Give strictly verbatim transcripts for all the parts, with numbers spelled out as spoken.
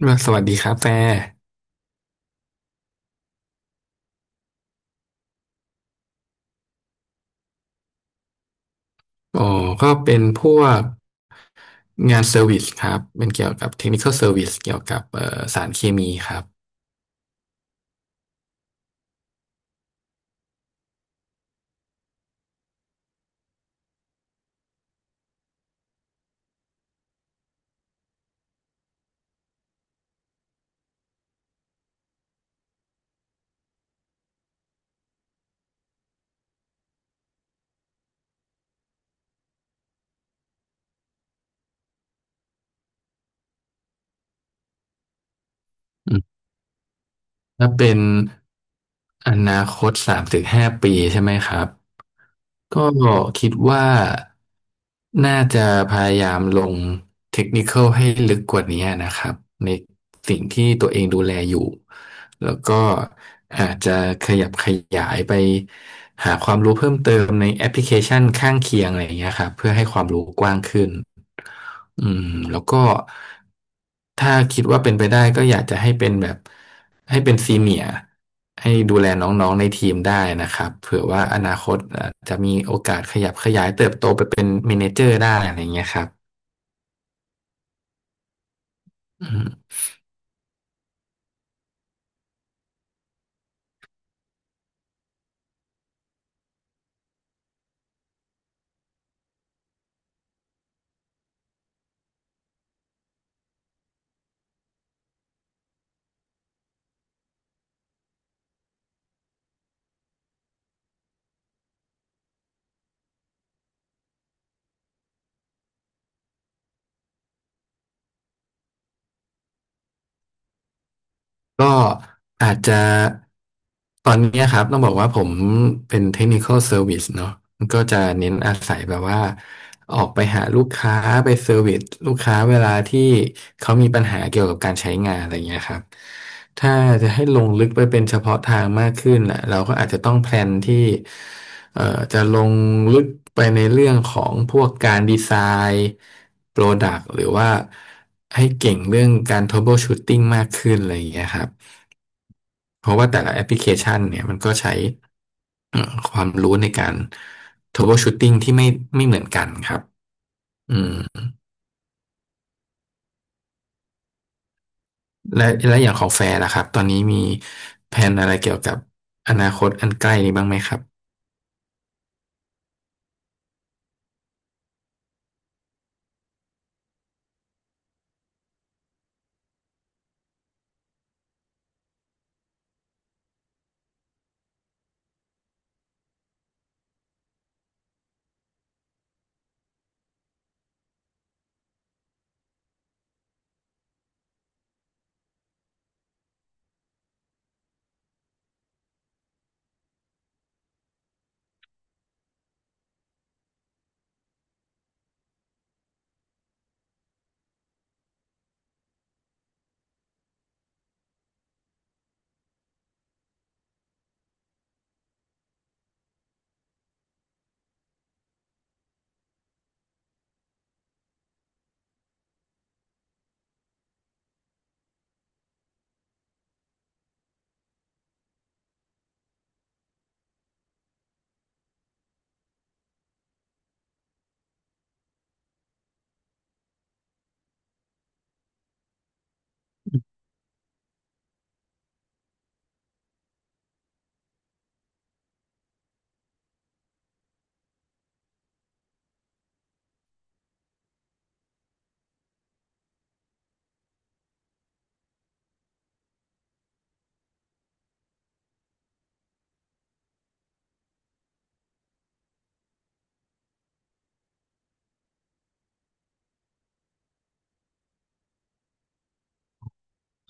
อ่าสวัสดีครับแฟร์อ๋อก็เป็นพวกงานเซอร์วิสครับ เป็นเกี่ยวกับเทคนิคอลเซอร์วิสเกี่ยวกับเอ่อสารเคมีครับอืมถ้าเป็นอนาคตสามถึงห้าปีใช่ไหมครับ ก็คิดว่าน่าจะพยายามลงเทคนิคอลให้ลึกกว่านี้นะครับในสิ่งที่ตัวเองดูแลอยู่แล้วก็อาจจะขยับขยายไปหาความรู้เพิ่มเติมในแอปพลิเคชันข้างเคียงอะไรอย่างเงี้ยครับเพื่อให้ความรู้กว้างขึ้นอืมแล้วก็ ถ้าคิดว่าเป็นไปได้ก็อยากจะให้เป็นแบบให้เป็นซีเนียร์ให้ดูแลน้องๆในทีมได้นะครับเผื่อว่าอนาคตอาจจะมีโอกาสขยับขยายเติบโตไปเป็นเมเนเจอร์ได้อะไรเงี้ยครับอืม ก็อาจจะตอนเนี้ยครับต้องบอกว่าผมเป็น Technical Service เนอะก็จะเน้นอาศัยแบบว่าออกไปหาลูกค้าไปเซอร์วิสลูกค้าเวลาที่เขามีปัญหาเกี่ยวกับการใช้งานอะไรเงี้ยครับถ้าจะให้ลงลึกไปเป็นเฉพาะทางมากขึ้นน่ะเราก็อาจจะต้องแพลนที่เอ่อจะลงลึกไปในเรื่องของพวกการดีไซน์โปรดักต์หรือว่า ให้เก่งเรื่องการ troubleshooting มากขึ้นอะไรอย่างเงี้ยครับ เพราะว่าแต่ละแอปพลิเคชันเนี่ยมันก็ใช้เอ่อความรู้ในการ troubleshooting ที่ไม่ไม่เหมือนกันครับอืมและและอย่างของแฟร์ล่ะครับตอนนี้มีแผนอะไรเกี่ยวกับอนาคตอันใกล้นี้บ้างไหมครับ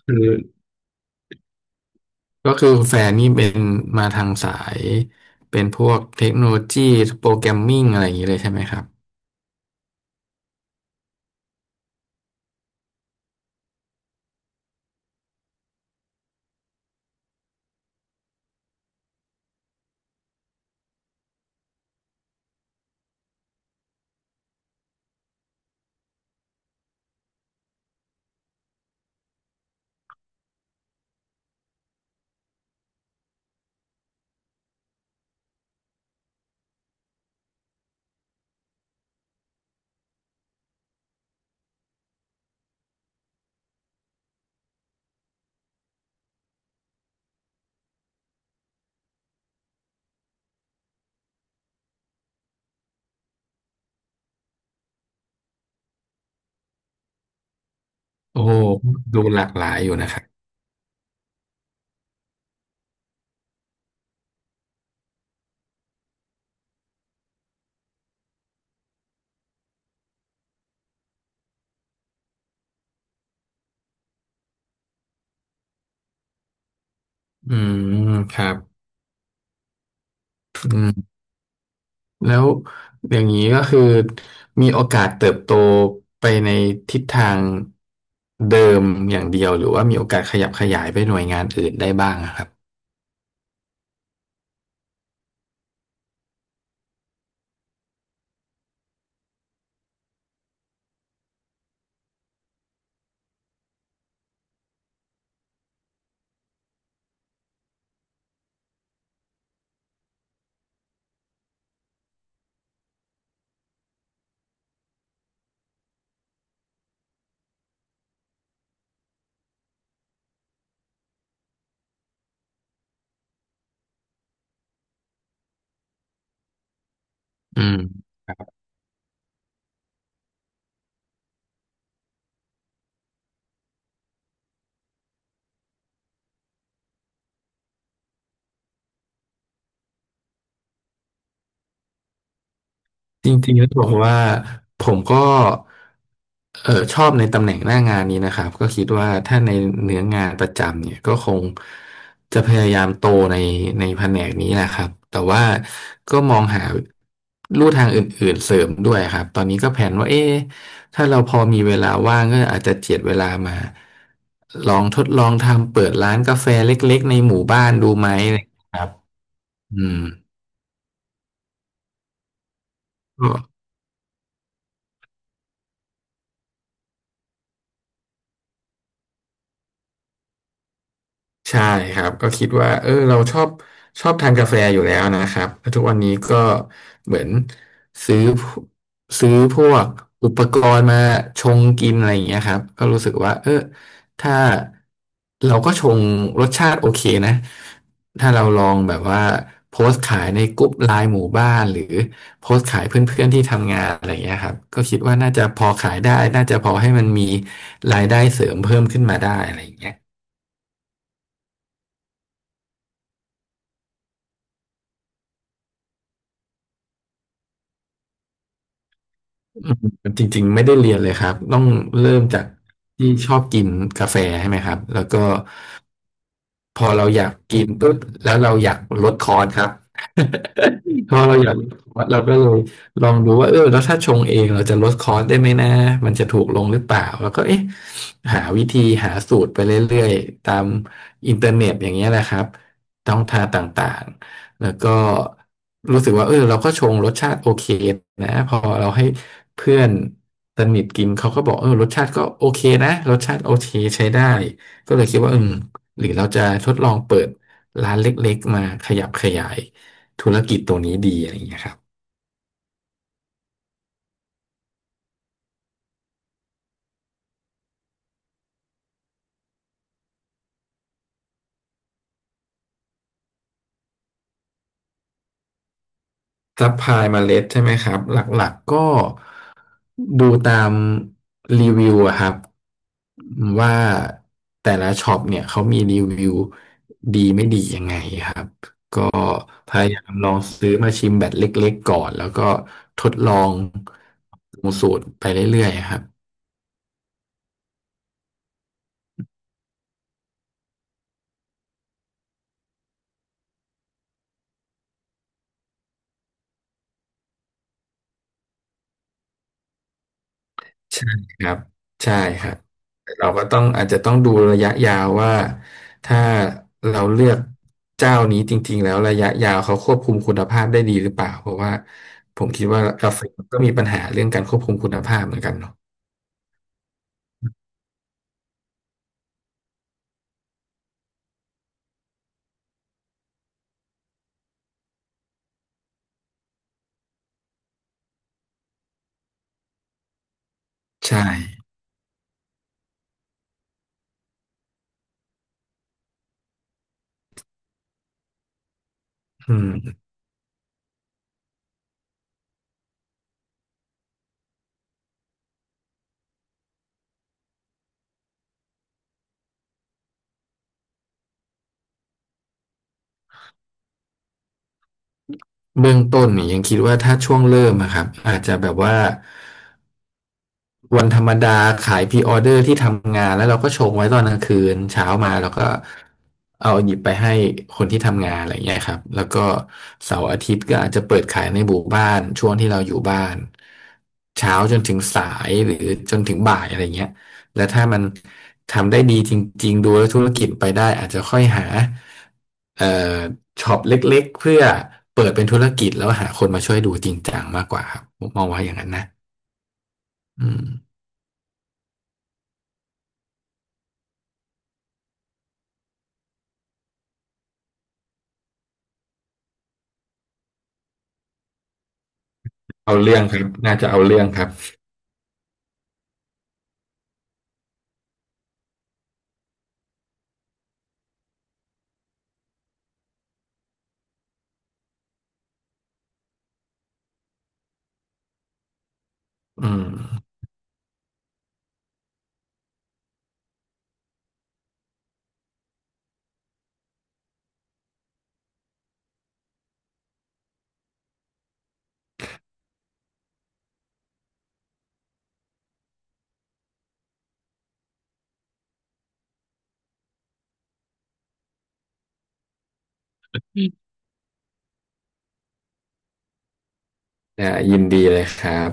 คือก็คือแฟนนี่เป็นมาทางสายเป็นพวกเทคโนโลยีโปรแกรมมิ่งอะไรอย่างนี้เลยใช่ไหมครับโอ้โหดูหลากหลายอยู่นะครับอืมครับอืม แล้วอย่างนี้ก็คือมีโอกาสเติบโตไปในทิศทางเดิมอย่างเดียวหรือว่ามีโอกาสขยับขยายไปหน่วยงานอื่นได้บ้างอะครับอืม จริงๆแล้วบอกว่าผมก็เออชอบในตำแหน่งหน้างานนี้นะครับก็คิดว่าถ้าในเนื้องานประจำเนี่ยก็คงจะพยายามโตในในแผนกนี้แหละครับแต่ว่าก็มองหาลู่ทางอื่นๆเสริมด้วยครับตอนนี้ก็แผนว่าเอ๊ะถ้าเราพอมีเวลาว่างก็อาจจะเจียดเวลามาลองทดลองทำเปิดร้านกาแฟเล็กๆในหมู่บ้านดูไหมนะครับอืม ใช่ครับก็คิดว่าเออเราชอบชอบทานกาแฟอยู่แล้วนะครับแล้วทุกวันนี้ก็เหมือนซื้อซื้อพวกอุปกรณ์มาชงกินอะไรอย่างเงี้ยครับก็รู้สึกว่าเออถ้าเราก็ชงรสชาติโอเคนะถ้าเราลองแบบว่าโพสต์ขายในกลุ่มไลน์หมู่บ้านหรือโพสต์ขายเพื่อนๆที่ทำงานอะไรอย่างเงี้ยครับก็คิดว่าน่าจะพอขายได้น่าจะพอให้มันมีรายได้เสริมเพิ่มขึ้นมาได้อะไรอย่างเงี้ย อืมจริงๆไม่ได้เรียนเลยครับต้องเริ่มจากที่ชอบกินกาแฟใช่ไหมครับแล้วก็ พอเราอยากกินปุ๊บแล้วเราอยากลดคอร์สครับ พอเราอยากลดคอร์สเราก็เลยลองดูว่าเออแล้วถ้าชงเองเราจะลดคอร์สได้ไหมนะมันจะถูกลงหรือเปล่าแล้วก็เอ๊ะหาวิธีหาสูตรไปเรื่อยๆตามอินเทอร์เน็ตอย่างเงี้ยแหละครับต้องทางต่างๆแล้วก็รู้สึกว่าเออเราก็ชงรสชาติโอเคนะพอเราให้เพื่อนสนิทกินเขาก็บอกเออรสชาติก็โอเคนะรสชาติโอเคใช้ได้ ก็เลยคิดว่าอืมหรือเราจะทดลองเปิดร้านเล็กๆมาขยับขยายธุรกิจตัวนี้ดีอะไรอย่างเงี้ยครับซัพพลายเมล็ดใช่ไหมครับหลักๆก็ดูตามรีวิวอะครับว่าแต่ละช็อปเนี่ยเขามีรีวิวดีไม่ดียังไงครับพยายามลองซื้อมาชิมแบบเล็กๆก่อนแล้วก็ทดลองปรุงสูตรไปเรื่อยๆครับ ใช่ครับใช่ครับเราก็ต้องอาจจะต้องดูระยะยาวว่าถ้าเราเลือกเจ้านี้จริงๆแล้วระยะยาวเขาควบคุมคุณภาพได้ดีหรือเปล่าเพราะว่าผมคิดว่ากาแฟก็มีปัญหาเรื่องการควบคุมคุณภาพเหมือนกันเนาะใช่อืมเบื้องต้นเนี่ยยังคิดว่าถ้าช่วงเริ่มอะครับอาจจะแบบว่า วันธรรมดาขายพรีออเดอร์ที่ทำงานแล้วเราก็ชงไว้ตอนกลางคืนเช้ามาเราก็เอาหยิบไปให้คนที่ทำงานอะไรเงี้ยครับแล้วก็เสาร์อาทิตย์ก็อาจจะเปิดขายในหมู่บ้านช่วงที่เราอยู่บ้านเช้าจนถึงสายหรือจนถึงบ่ายอะไรเงี้ยแล้วถ้ามันทำได้ดีจริงๆดูแล้วธุรกิจไปได้อาจจะค่อยหาเอ่อช็อปเล็กๆเพื่อเปิดเป็นธุรกิจแล้วหาคนมาช่วยดูจริงจังมากกว่าครับผมมองว่าอย่างนั้นนะอืม เอาเรื่องครับ น่าจะเอาเรื่องครับอืมได้ยินดีเลยครับ